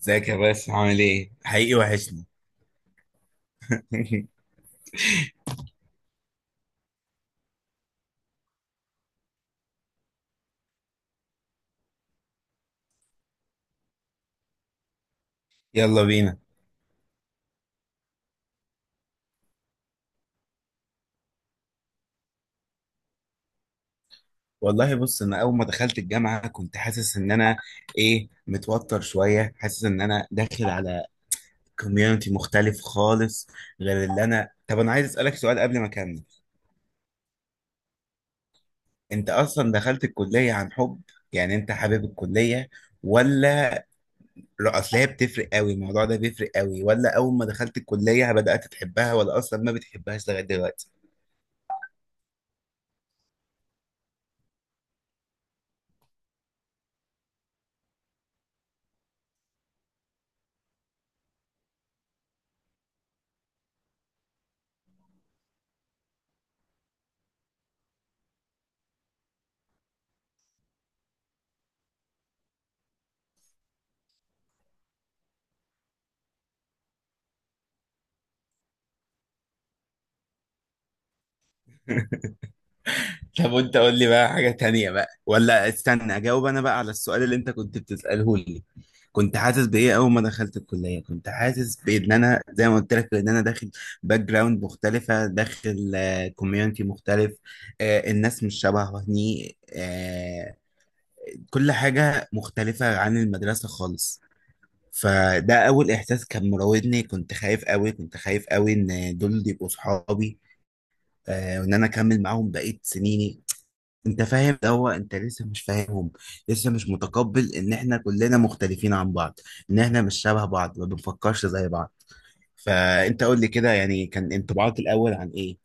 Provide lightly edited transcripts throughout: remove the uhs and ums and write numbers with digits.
ازيك يا باشا، عامل ايه؟ حقيقي وحشني. يلا بينا. والله بص، انا اول ما دخلت الجامعه كنت حاسس ان انا متوتر شويه، حاسس ان انا داخل على كوميونتي مختلف خالص. غير اللي انا طب انا عايز اسالك سؤال قبل ما اكمل. انت اصلا دخلت الكليه عن حب؟ يعني انت حابب الكليه ولا؟ لا، اصل هي بتفرق قوي، الموضوع ده بيفرق قوي. ولا اول ما دخلت الكليه بدات تحبها، ولا اصلا ما بتحبهاش لغايه دلوقتي؟ طب وانت، قول لي بقى حاجة تانية بقى، ولا استنى اجاوب انا بقى على السؤال اللي انت كنت بتسأله لي؟ كنت حاسس بايه اول ما دخلت الكلية؟ كنت حاسس بان انا زي ما قلت لك ان انا داخل باك جراوند مختلفة، داخل كوميونتي مختلف. الناس مش شبهني. كل حاجة مختلفة عن المدرسة خالص. فده اول احساس كان مراودني. كنت خايف قوي، كنت خايف قوي ان دول يبقوا صحابي، وان انا اكمل معاهم بقية سنيني. انت فاهم، ده هو انت لسه مش فاهمهم، لسه مش متقبل ان احنا كلنا مختلفين عن بعض، ان احنا مش شبه بعض، ما بنفكرش زي بعض. فانت قول لي كده، يعني كان انطباعك الاول عن ايه؟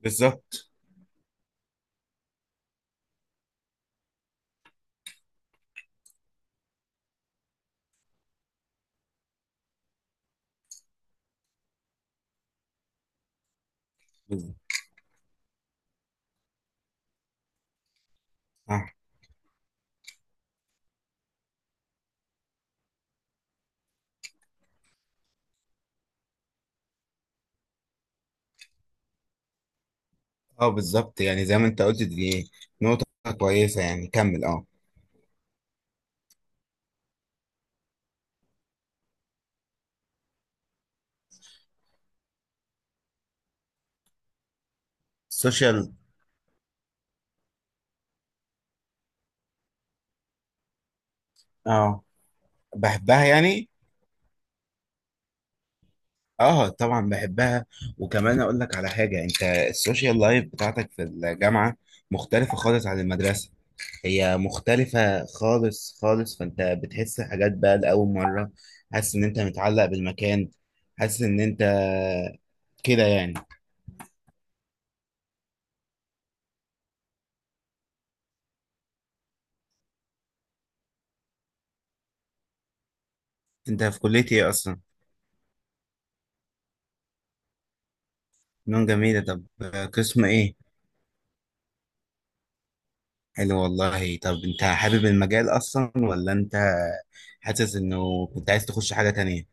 بالظبط. بالظبط. اه. اه بالظبط، يعني زي ما انت قلت، دي نقطة كويسة. يعني كمل اه. السوشيال. اه، بحبها يعني. اه طبعا بحبها. وكمان اقول لك على حاجة، انت السوشيال لايف بتاعتك في الجامعة مختلفة خالص عن المدرسة. هي مختلفة خالص خالص، فانت بتحس حاجات بقى لأول مرة. حاسس ان انت متعلق بالمكان، حاسس ان انت كده يعني. انت في كلية ايه اصلا؟ فنون جميلة، طب قسم ايه؟ حلو والله. طب انت حابب المجال اصلا، ولا انت حاسس انه كنت عايز تخش حاجة تانية؟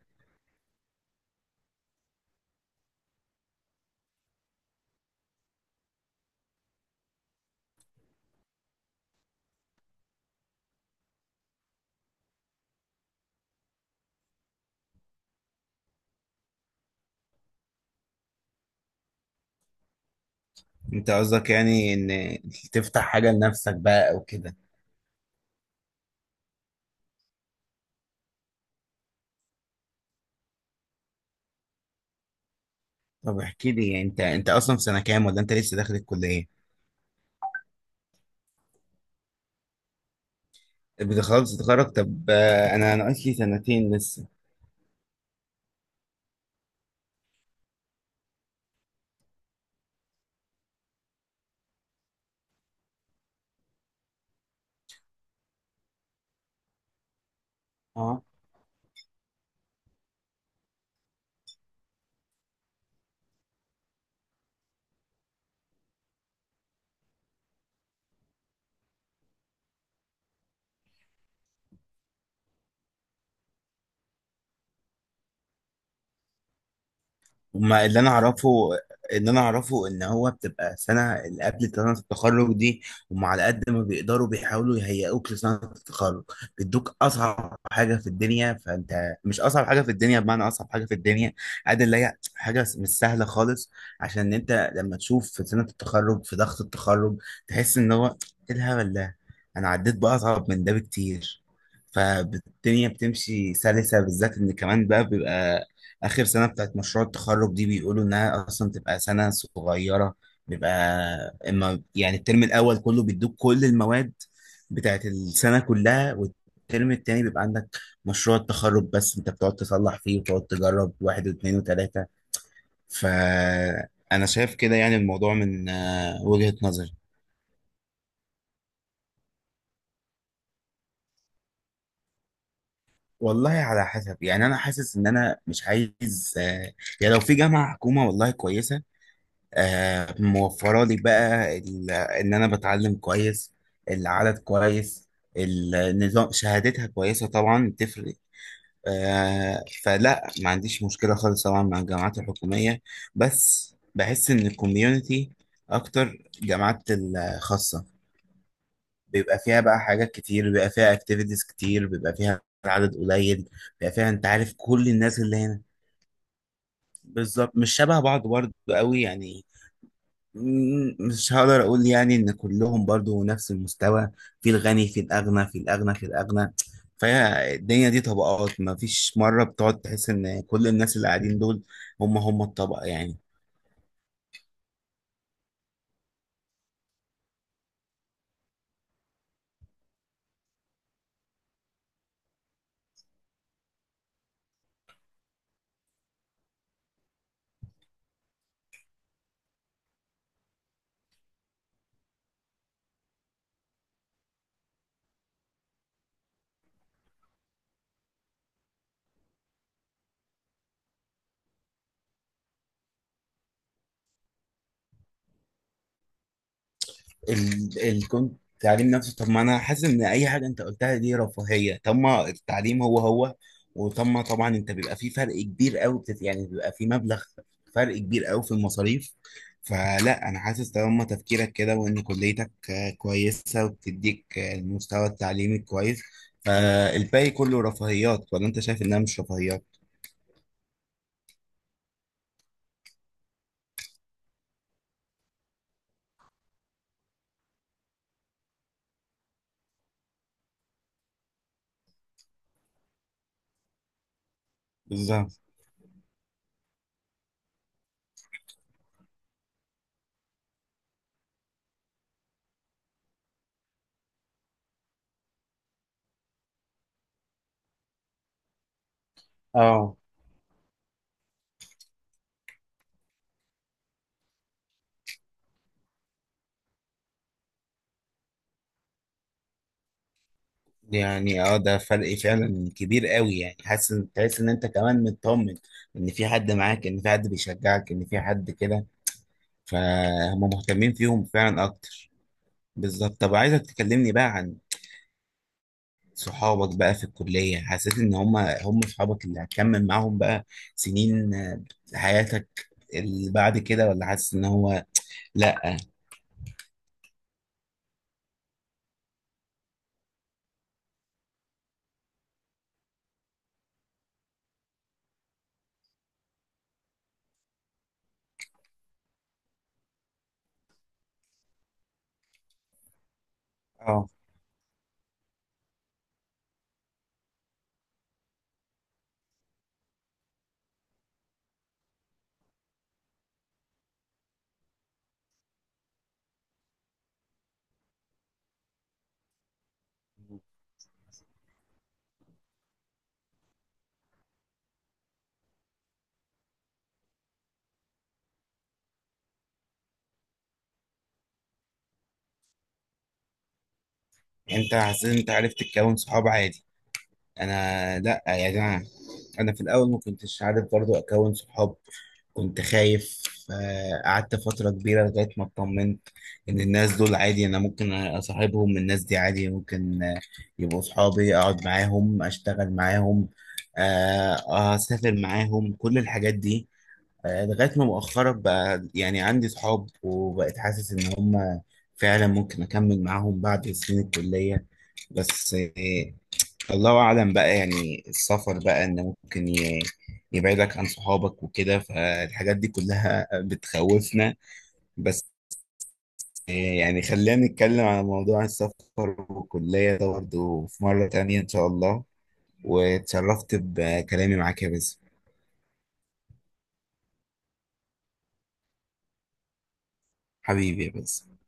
انت قصدك يعني ان تفتح حاجة لنفسك بقى او كده. طب احكي لي انت، انت اصلا في سنة كام، ولا انت لسه داخل الكلية؟ بتخلص تتخرج؟ طب انا ناقص لي سنتين لسه. اه، وما اللي انا اعرفه، اللي انا اعرفه ان هو بتبقى سنه اللي قبل سنه التخرج دي. هم على قد ما بيقدروا بيحاولوا يهيئوك لسنه التخرج، بيدوك اصعب حاجه في الدنيا. فانت مش اصعب حاجه في الدنيا بمعنى اصعب حاجه في الدنيا، قد اللي هي حاجه مش سهله خالص. عشان إن انت لما تشوف في سنه التخرج، في ضغط التخرج، تحس ان هو ايه الهبل ده، انا عديت باصعب من ده بكتير. فالدنيا بتمشي سلسه، بالذات ان كمان بقى بيبقى آخر سنة بتاعت مشروع التخرج دي بيقولوا إنها أصلا تبقى سنة صغيرة. بيبقى إما يعني الترم الأول كله بيدوك كل المواد بتاعت السنة كلها، والترم التاني بيبقى عندك مشروع التخرج بس. أنت بتقعد تصلح فيه وتقعد تجرب، واحد واثنين وتلاتة. فأنا شايف كده يعني الموضوع من وجهة نظري. والله على حسب. يعني أنا حاسس إن أنا مش عايز. يعني لو في جامعة حكومة والله كويسة، موفره لي بقى ان انا بتعلم كويس، العدد كويس، النظام، شهادتها كويسه طبعا بتفرق. فلا ما عنديش مشكله خالص طبعا مع الجامعات الحكوميه. بس بحس ان الكوميونتي اكتر جامعات الخاصه، بيبقى فيها بقى حاجات كتير، بيبقى فيها اكتيفيتيز كتير، بيبقى فيها عدد قليل. بيبقى فيها انت عارف كل الناس اللي هنا. بالظبط، مش شبه بعض برضه قوي يعني. مش هقدر اقول يعني ان كلهم برضو نفس المستوى. في الغني، في الاغنى، في الاغنى، في الاغنى. فهي الدنيا دي طبقات، ما فيش مرة بتقعد تحس ان كل الناس اللي قاعدين دول هم هم الطبقة يعني. كنت التعليم نفسه، طب ما انا حاسس ان اي حاجه انت قلتها دي رفاهيه. طب ما التعليم هو هو. وطب ما طبعا انت بيبقى في فرق كبير قوي يعني بيبقى في مبلغ، فرق كبير قوي في المصاريف. فلا انا حاسس طالما تفكيرك كده، وان كليتك كويسه وبتديك المستوى التعليمي كويس، فالباقي كله رفاهيات، ولا انت شايف انها مش رفاهيات؟ بالظبط. اه يعني اه ده فرق فعلا كبير قوي يعني. حاسس تحس ان انت كمان مطمن ان في حد معاك، ان في حد بيشجعك، ان في حد كده. فهم مهتمين فيهم فعلا اكتر. بالظبط. طب عايزك تكلمني بقى عن صحابك بقى في الكلية. حسيت ان هم هم صحابك اللي هتكمل معاهم بقى سنين حياتك اللي بعد كده، ولا حاسس ان هو لا؟ اه، انت حسيت إن انت عرفت تكون صحاب عادي. انا لا، يا جماعه، انا في الاول ما كنتش عارف برضو اكون صحاب، كنت خايف. قعدت فتره كبيره لغايه ما اطمنت ان الناس دول عادي، انا ممكن اصاحبهم، الناس دي عادي ممكن يبقوا صحابي، اقعد معاهم، اشتغل معاهم، اسافر معاهم، كل الحاجات دي. لغايه ما مؤخرا بقى يعني عندي صحاب، وبقيت حاسس ان هم فعلا ممكن اكمل معاهم بعد سنين الكليه. بس الله أعلم بقى، يعني السفر بقى إن ممكن يبعدك عن صحابك وكده، فالحاجات دي كلها بتخوفنا. بس يعني خلينا نتكلم على موضوع السفر والكلية ده برضه في مرة تانية إن شاء الله. واتشرفت بكلامي معاك يا باسم. حبيبي يا باسم.